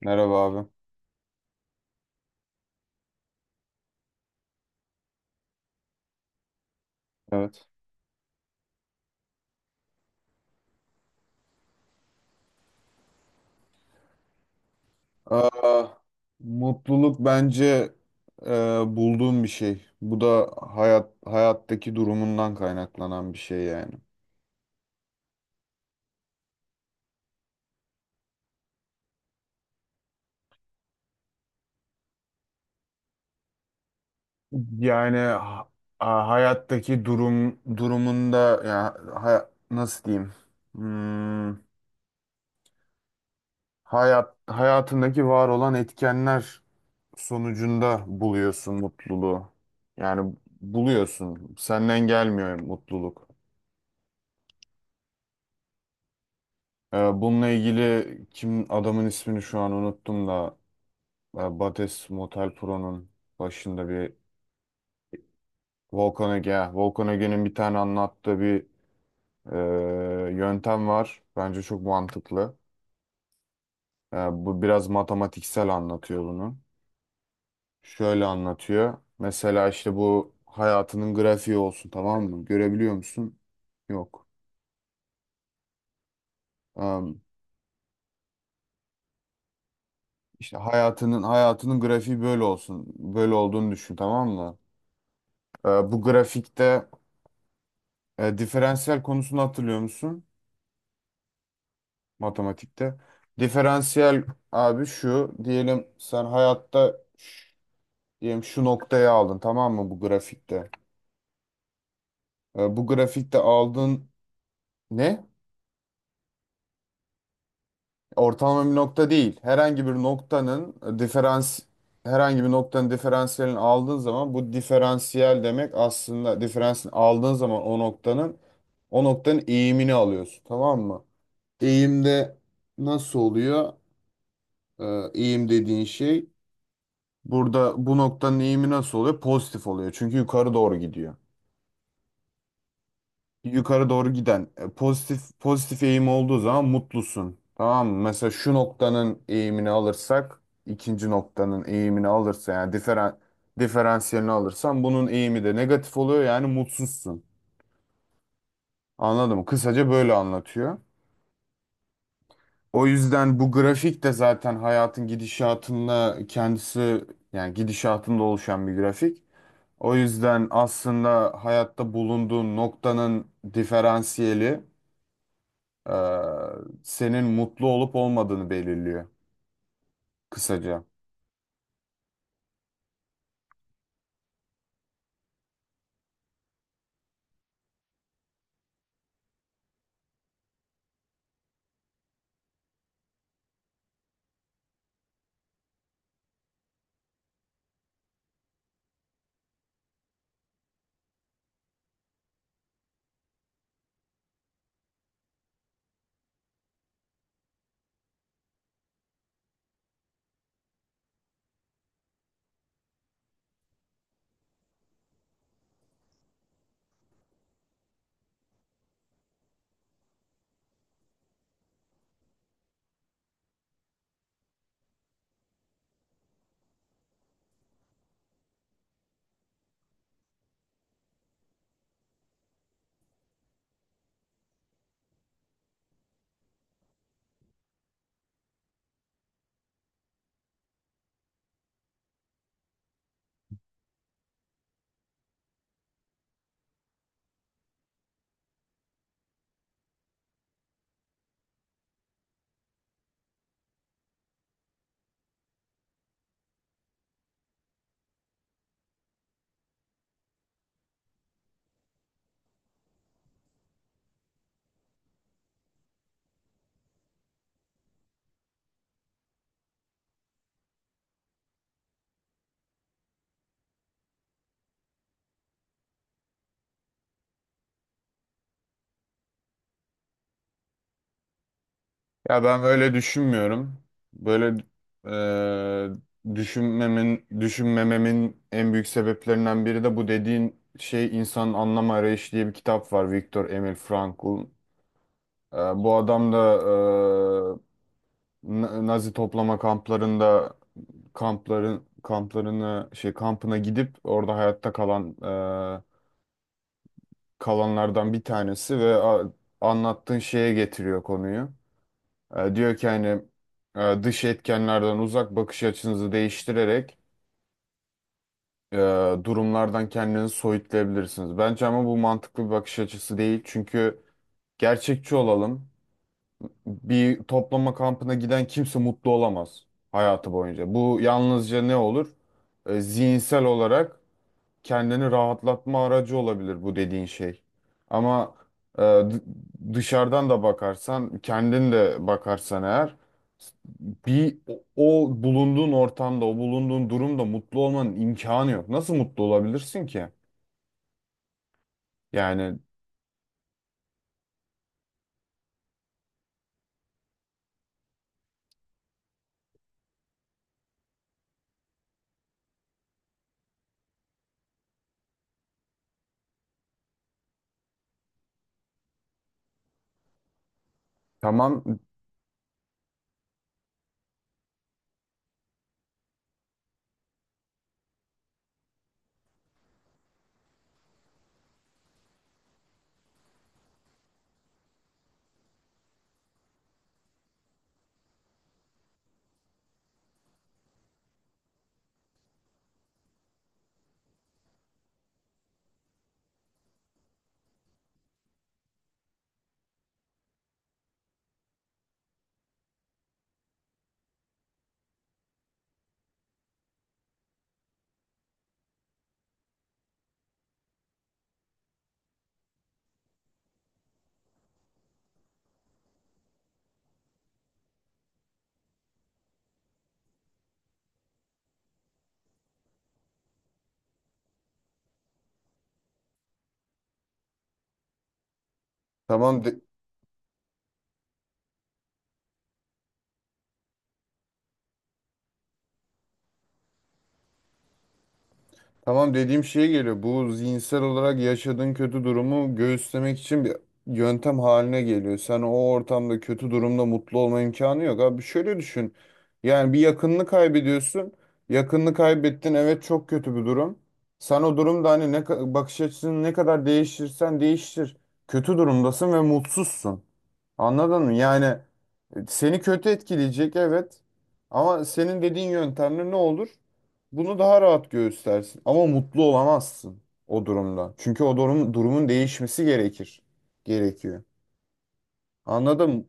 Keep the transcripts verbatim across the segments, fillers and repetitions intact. Merhaba abi. Evet. Aa, Mutluluk bence e, bulduğum bir şey. Bu da hayat hayattaki durumundan kaynaklanan bir şey yani. Yani ha- a- hayattaki durum durumunda ya hay- nasıl diyeyim? Hmm, hayat hayatındaki var olan etkenler sonucunda buluyorsun mutluluğu. Yani buluyorsun. Senden gelmiyor mutluluk. Ee, bununla ilgili kim adamın ismini şu an unuttum da e, Bates Motel Pro'nun başında bir Volkan Ege, ha, Volkan Ege'nin bir tane anlattığı bir e, yöntem var. Bence çok mantıklı. E, Bu biraz matematiksel anlatıyor bunu. Şöyle anlatıyor. Mesela işte bu hayatının grafiği olsun, tamam mı? Görebiliyor musun? Yok. Am, işte hayatının hayatının grafiği böyle olsun. Böyle olduğunu düşün, tamam mı? E, bu grafikte E, diferansiyel konusunu hatırlıyor musun matematikte? Diferansiyel abi şu diyelim, sen hayatta ş- diyelim şu noktaya aldın, tamam mı bu grafikte? E, bu grafikte aldığın ne? Ortalama bir nokta değil. Herhangi bir noktanın e, diferans herhangi bir noktanın diferansiyelini aldığın zaman bu diferansiyel demek aslında diferansiyelini aldığın zaman o noktanın o noktanın eğimini alıyorsun, tamam mı? Eğimde nasıl oluyor? e, Eğim dediğin şey, burada bu noktanın eğimi nasıl oluyor? Pozitif oluyor. Çünkü yukarı doğru gidiyor. Yukarı doğru giden e, pozitif pozitif eğim olduğu zaman mutlusun. Tamam mı? Mesela şu noktanın eğimini alırsak ikinci noktanın eğimini alırsa yani diferan, diferansiyelini alırsan bunun eğimi de negatif oluyor, yani mutsuzsun. Anladın mı? Kısaca böyle anlatıyor. O yüzden bu grafik de zaten hayatın gidişatında kendisi, yani gidişatında oluşan bir grafik. O yüzden aslında hayatta bulunduğun noktanın diferansiyeli e, senin mutlu olup olmadığını belirliyor kısaca. Ya ben öyle düşünmüyorum. Böyle e, düşünmemin düşünmememin en büyük sebeplerinden biri de bu dediğin şey. İnsanın Anlam Arayışı diye bir kitap var, Viktor Emil Frankl. E, bu adam da e, Na- Nazi toplama kamplarında kampların kamplarını şey kampına gidip orada hayatta kalan e, kalanlardan bir tanesi ve a- anlattığın şeye getiriyor konuyu. E, diyor ki hani e, dış etkenlerden uzak bakış açınızı değiştirerek e, durumlardan kendinizi soyutlayabilirsiniz. Bence ama bu mantıklı bir bakış açısı değil. Çünkü gerçekçi olalım. Bir toplama kampına giden kimse mutlu olamaz hayatı boyunca. Bu yalnızca ne olur? E, zihinsel olarak kendini rahatlatma aracı olabilir bu dediğin şey. Ama e, d- dışarıdan da bakarsan, kendin de bakarsan eğer bir o, o bulunduğun ortamda, o bulunduğun durumda mutlu olmanın imkanı yok. Nasıl mutlu olabilirsin ki? Yani tamam. Tamam. Tamam, dediğim şeye geliyor. Bu zihinsel olarak yaşadığın kötü durumu göğüslemek için bir yöntem haline geliyor. Sen o ortamda kötü durumda mutlu olma imkanı yok. Abi şöyle düşün. Yani bir yakınını kaybediyorsun. Yakınını kaybettin. Evet, çok kötü bir durum. Sen o durumda hani ne ka- bakış açısını ne kadar değiştirsen değiştir. Kötü durumdasın ve mutsuzsun. Anladın mı? Yani e, seni kötü etkileyecek, evet. Ama senin dediğin yöntemle ne olur? Bunu daha rahat göğüslersin. Ama mutlu olamazsın o durumda. Çünkü o durum, durumun değişmesi gerekir. Gerekiyor. Anladım.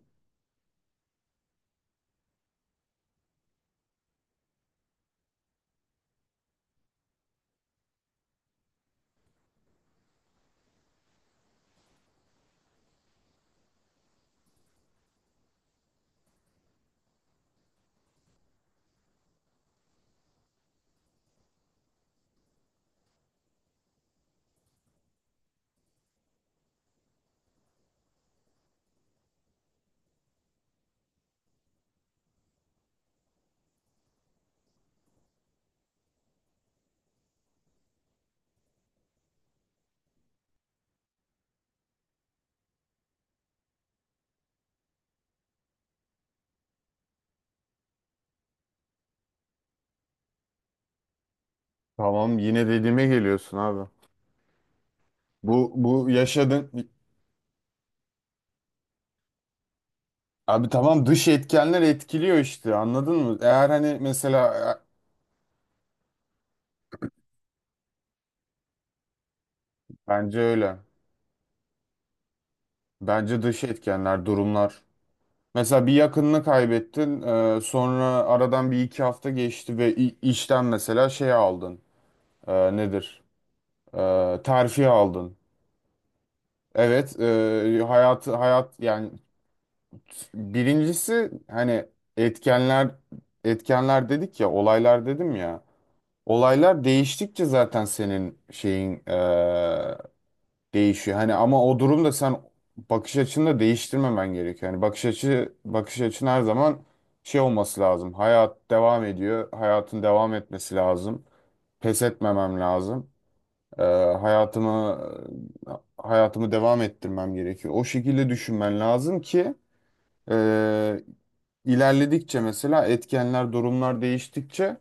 Tamam, yine dediğime geliyorsun abi. Bu, bu yaşadın. Abi tamam, dış etkenler etkiliyor işte, anladın mı? Eğer hani mesela e, bence öyle. Bence dış etkenler, durumlar. Mesela bir yakınını kaybettin, e, sonra aradan bir iki hafta geçti ve i- işten mesela şey aldın, e, nedir? E, terfi aldın. Evet, e, hayat hayat yani birincisi hani etkenler etkenler dedik ya, olaylar dedim ya. Olaylar değiştikçe zaten senin şeyin e, değişiyor. Hani ama o durumda sen bakış açını da değiştirmemen gerekiyor. Hani bakış açı bakış açın her zaman şey olması lazım. Hayat devam ediyor. Hayatın devam etmesi lazım. Pes etmemem lazım. Ee, hayatımı hayatımı devam ettirmem gerekiyor. O şekilde düşünmen lazım ki e, ilerledikçe mesela etkenler, durumlar değiştikçe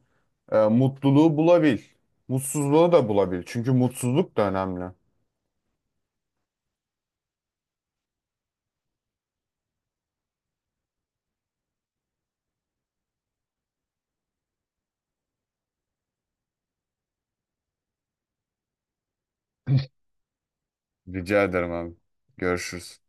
e, mutluluğu bulabil. Mutsuzluğu da bulabil. Çünkü mutsuzluk da önemli. Rica ederim abi. Görüşürüz.